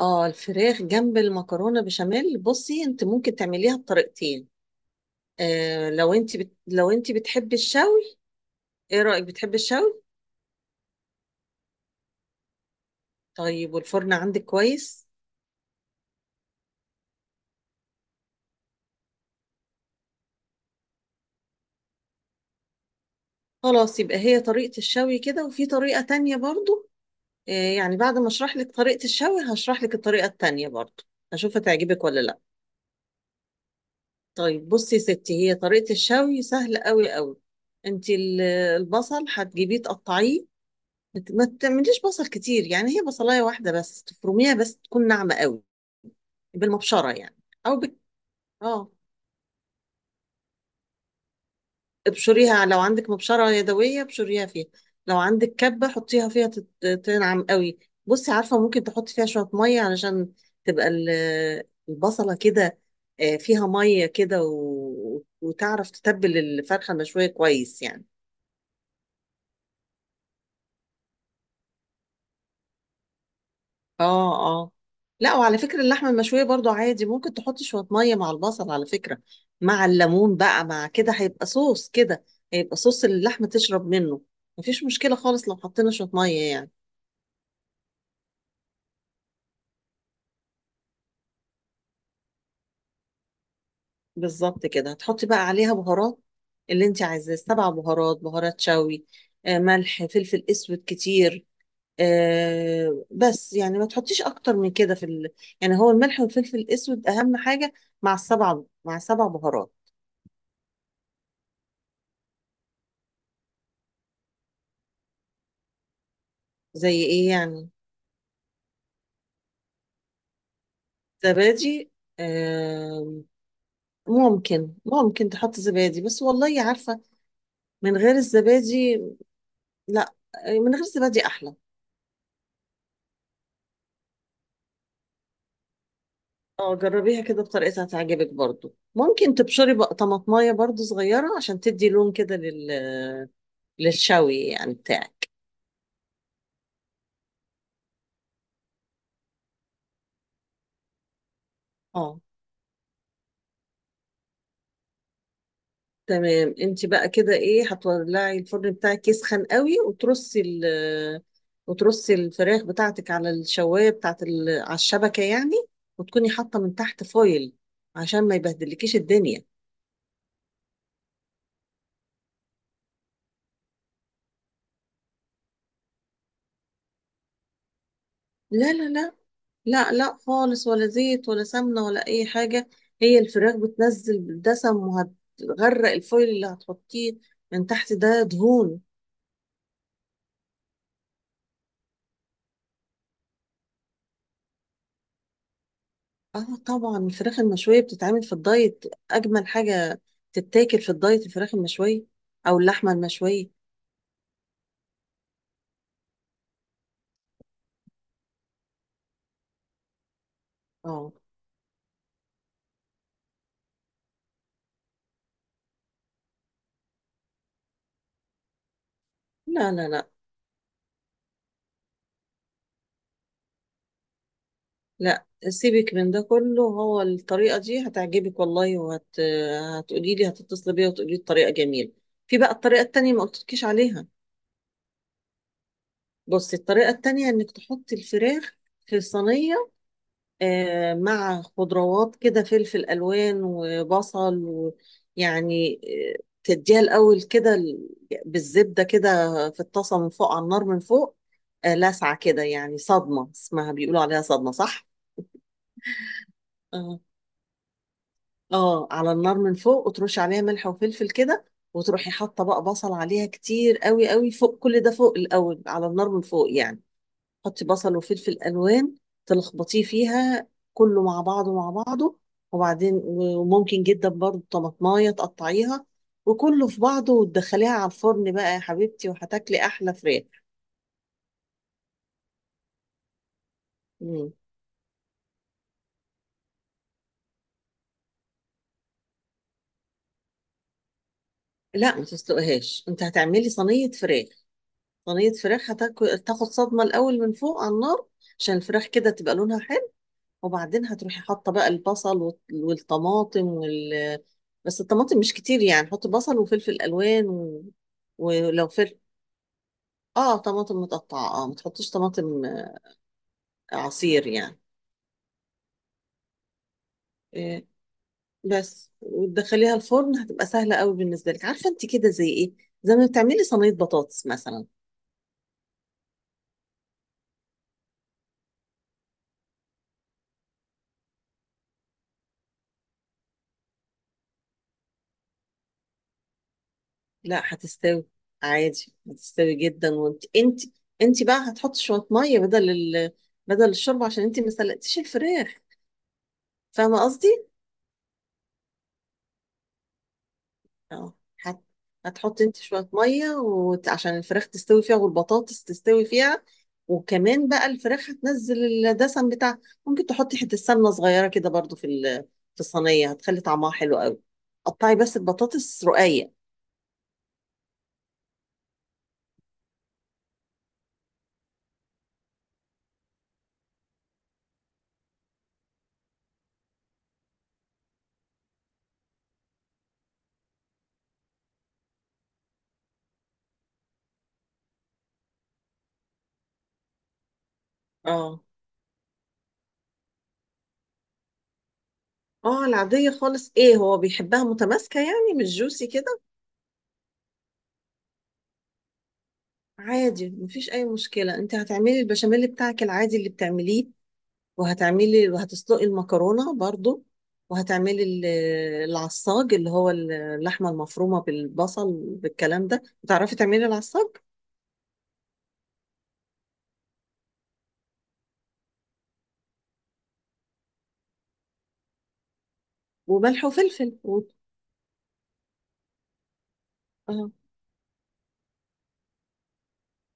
اه، الفراخ جنب المكرونه بشاميل. بصي، انت ممكن تعمليها بطريقتين. لو انت لو انت بتحبي الشوي. ايه رايك؟ بتحبي الشوي؟ طيب، والفرن عندك كويس؟ خلاص، يبقى هي طريقه الشوي كده، وفي طريقه تانية برضو. آه يعني بعد ما اشرح لك طريقه الشوي هشرح لك الطريقه التانية برضو. اشوف هتعجبك ولا لا. طيب بصي يا ستي، هي طريقه الشوي سهله قوي قوي. انت ال- البصل هتجيبيه تقطعيه. ما تعمليش بصل كتير، يعني هي بصلايه واحده بس تفرميها، بس تكون ناعمه قوي. بالمبشره يعني. او بك... اه، ابشريها. لو عندك مبشره يدويه ابشريها فيها. لو عندك كبه حطيها فيها تنعم قوي. بصي عارفه، ممكن تحطي فيها شويه ميه علشان تبقى ال- البصله كده فيها ميه كده وتعرف تتبل الفرخه المشويه كويس يعني. اه، اه، لا، وعلى فكرة اللحمة المشوية برضو عادي ممكن تحط شوية مية مع البصل على فكرة. مع الليمون بقى، مع كده هيبقى صوص كده. هيبقى صوص اللي اللحمة تشرب منه. مفيش مشكلة خالص لو حطينا شوية مية يعني. بالظبط كده. هتحطي بقى عليها بهارات اللي انت عايزاه، سبع بهارات، بهارات شوي، ملح، فلفل اسود كتير، بس يعني ما تحطيش اكتر من كده في ال... يعني هو الملح والفلفل الاسود اهم حاجة. مع السبع، مع سبع بهارات. زي ايه يعني؟ زبادي؟ آه، ممكن تحط زبادي، بس والله عارفة، من غير الزبادي، لا، من غير الزبادي أحلى. اه جربيها كده بطريقتها هتعجبك برضو. ممكن تبشري بقى طماطمايه برضو صغيرة عشان تدي لون كده لل... للشوي يعني بتاعك. اه، تمام. انت بقى كده ايه، هتولعي الفرن بتاعك يسخن قوي وترصي ال وترصي الفراخ بتاعتك على الشوايه بتاعت ال... على الشبكه يعني، وتكوني حاطه من تحت فويل عشان ما يبهدلكيش الدنيا. لا لا لا، لا لا خالص، ولا زيت ولا سمنه ولا اي حاجه. هي الفراخ بتنزل بالدسم وهتغرق الفويل اللي هتحطيه من تحت، ده دهون. اه طبعا، الفراخ المشوية بتتعمل في الدايت. أجمل حاجة تتاكل في الدايت الفراخ المشوية، أو اللحمة المشوية. اه. لا لا لا، لا سيبك من ده كله، هو الطريقة دي هتعجبك والله. هتقولي لي، هتتصلي بيا وتقولي لي الطريقة جميلة. في بقى الطريقة التانية ما قلتلكيش عليها. بصي، الطريقة التانية إنك تحطي الفراخ في صينية مع خضروات كده، فلفل الوان وبصل، ويعني تديها الاول كده بالزبده كده في الطاسه من فوق، على النار من فوق، لسعه كده، يعني صدمه اسمها، بيقولوا عليها صدمه، صح؟ اه، اه، على النار من فوق، وترش عليها ملح وفلفل كده، وتروحي حاطه بقى بصل عليها كتير قوي قوي، فوق كل ده، فوق الاول على النار من فوق يعني. حطي بصل وفلفل الوان. تلخبطيه فيها كله مع بعضه، مع بعضه. وبعدين، وممكن جدا برضو طماطمايه تقطعيها، وكله في بعضه، وتدخليها على الفرن بقى يا حبيبتي، وهتاكلي احلى فراخ. مم. لا ما تسلقهاش، انت هتعملي صينيه فراخ. صينيه فراخ هتاكل تاخد صدمه الاول من فوق على النار، عشان الفراخ كده تبقى لونها حلو. وبعدين هتروحي حاطه بقى البصل والطماطم وال، بس الطماطم مش كتير، يعني حطي بصل وفلفل الوان ولو فلفل. اه طماطم متقطعه. اه ما تحطيش طماطم عصير يعني. إيه بس، وتدخليها الفرن، هتبقى سهله قوي بالنسبه لك. عارفه، انت كده زي ايه؟ زي ما بتعملي صينيه بطاطس مثلا. لا هتستوي، عادي هتستوي جدا. وانت انت بقى هتحطي شويه ميه بدل ال... بدل الشوربه عشان انت ما سلقتيش الفراخ. فاهمه قصدي؟ اه، هت... هتحط انت شوية مية عشان الفراخ تستوي فيها والبطاطس تستوي فيها. وكمان بقى، الفراخ هتنزل الدسم بتاعها. ممكن تحطي حتة سمنة صغيرة كده برضو في ال... في الصينية، هتخلي طعمها حلو قوي. قطعي بس البطاطس رقيق. اه. اه، العادية خالص ايه، هو بيحبها متماسكة يعني مش جوسي كده؟ عادي مفيش اي مشكلة، انت هتعملي البشاميل بتاعك العادي اللي بتعمليه، وهتعملي وهتسلقي المكرونة برضو. وهتعملي العصاج، اللي هو اللحمة المفرومة بالبصل بالكلام ده. بتعرفي تعملي العصاج؟ وملح وفلفل و... اه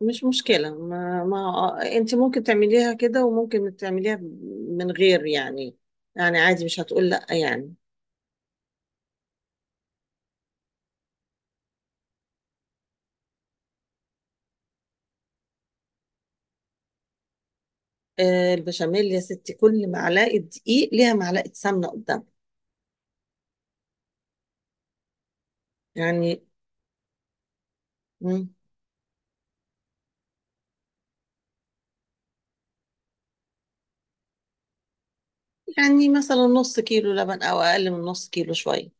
مش مشكلة، ما، انت ممكن تعمليها كده، وممكن تعمليها من غير يعني. يعني عادي مش هتقول لا يعني. آه البشاميل يا ستي، كل معلقة دقيق ليها معلقة سمنة قدام. يعني. مم، يعني مثلا نص كيلو لبن او اقل من نص كيلو شوية.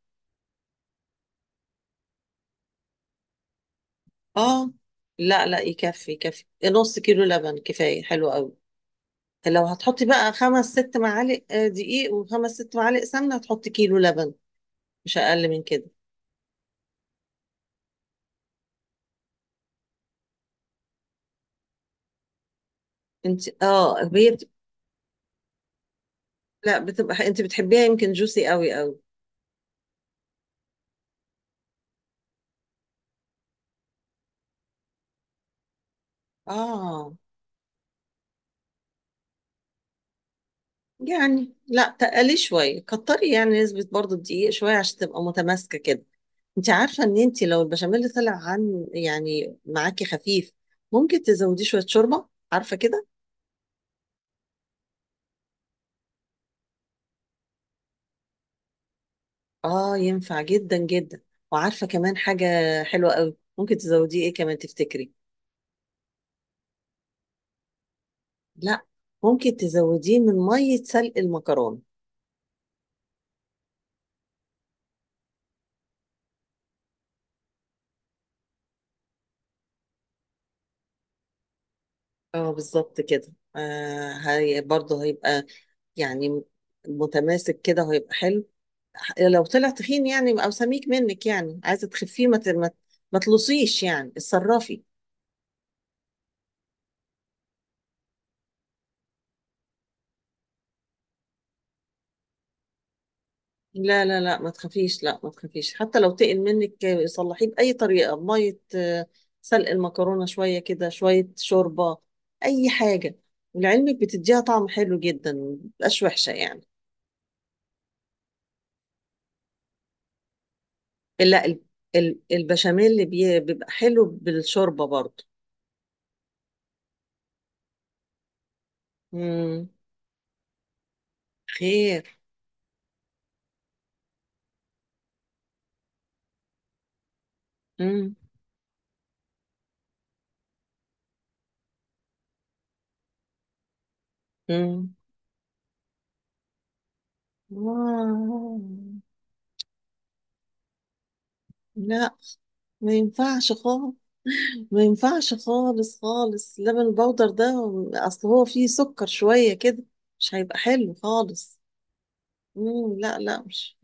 اه لا لا يكفي، يكفي نص كيلو لبن كفاية، حلو قوي. لو هتحطي بقى خمس ست معالق دقيق وخمس ست معالق سمنة، هتحطي كيلو لبن. مش أقل من كده. انت اه، هي لا بتبقى، انت بتحبيها يمكن جوسي قوي قوي. اه يعني لا، تقلي شوية، كتري يعني نسبة برضو الدقيق شوية عشان تبقى متماسكة كده. انت عارفة ان انت لو البشاميل طلع عن يعني معاكي خفيف، ممكن تزوديه شوية شوربة، عارفة كده؟ اه ينفع جدا جدا. وعارفة كمان حاجة حلوة قوي، ممكن تزوديه ايه كمان، تفتكري؟ لا، ممكن تزوديه من مية سلق المكرونة. اه بالظبط كده. آه هي برضه هيبقى يعني متماسك كده وهيبقى حلو. لو طلع تخين يعني او سميك منك، يعني عايزة تخفيه، ما تلصيش يعني، اتصرفي. لا لا لا ما تخافيش، لا ما تخافيش، حتى لو تقل منك صلحيه بأي طريقة، بمية سلق المكرونة شوية كده، شوية شوربة، أي حاجة. ولعلمك بتديها طعم حلو جدا، ما بتبقاش وحشة يعني. لا البشاميل اللي بيبقى حلو بالشوربة برضه. مم. خير. مم. مم. آه. لا ما ينفعش خالص. ما ينفعش خالص خالص لبن البودر ده، اصل هو فيه سكر شوية كده، مش هيبقى حلو خالص. لا لا، مش.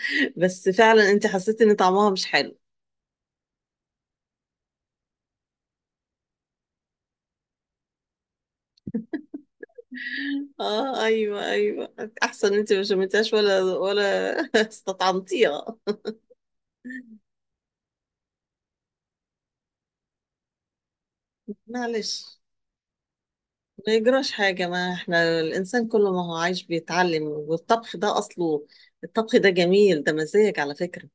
بس فعلا انت حسيت ان طعمها مش حلو؟ اه ايوه ايوه. احسن انت ما شمتهاش، ولا ولا استطعمتيها. معلش، ما يجراش حاجة، ما احنا الانسان كل ما هو عايش بيتعلم. والطبخ ده اصله، الطبخ ده جميل، ده مزاج على فكرة.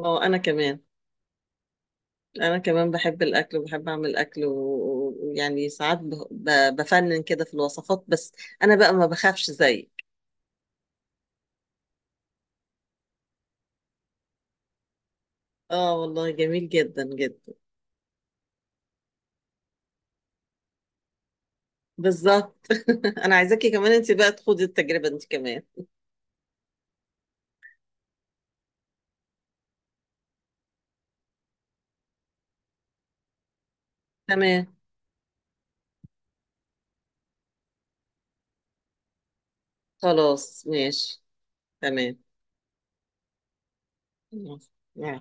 اه انا كمان، انا كمان بحب الاكل وبحب اعمل اكل ويعني ساعات بفنن كده في الوصفات، بس انا بقى ما بخافش زيك. اه والله جميل جدا جدا. بالظبط. انا عايزاكي كمان انت بقى تخوضي التجربة انت كمان. تمام خلاص ماشي. تمام. يلا.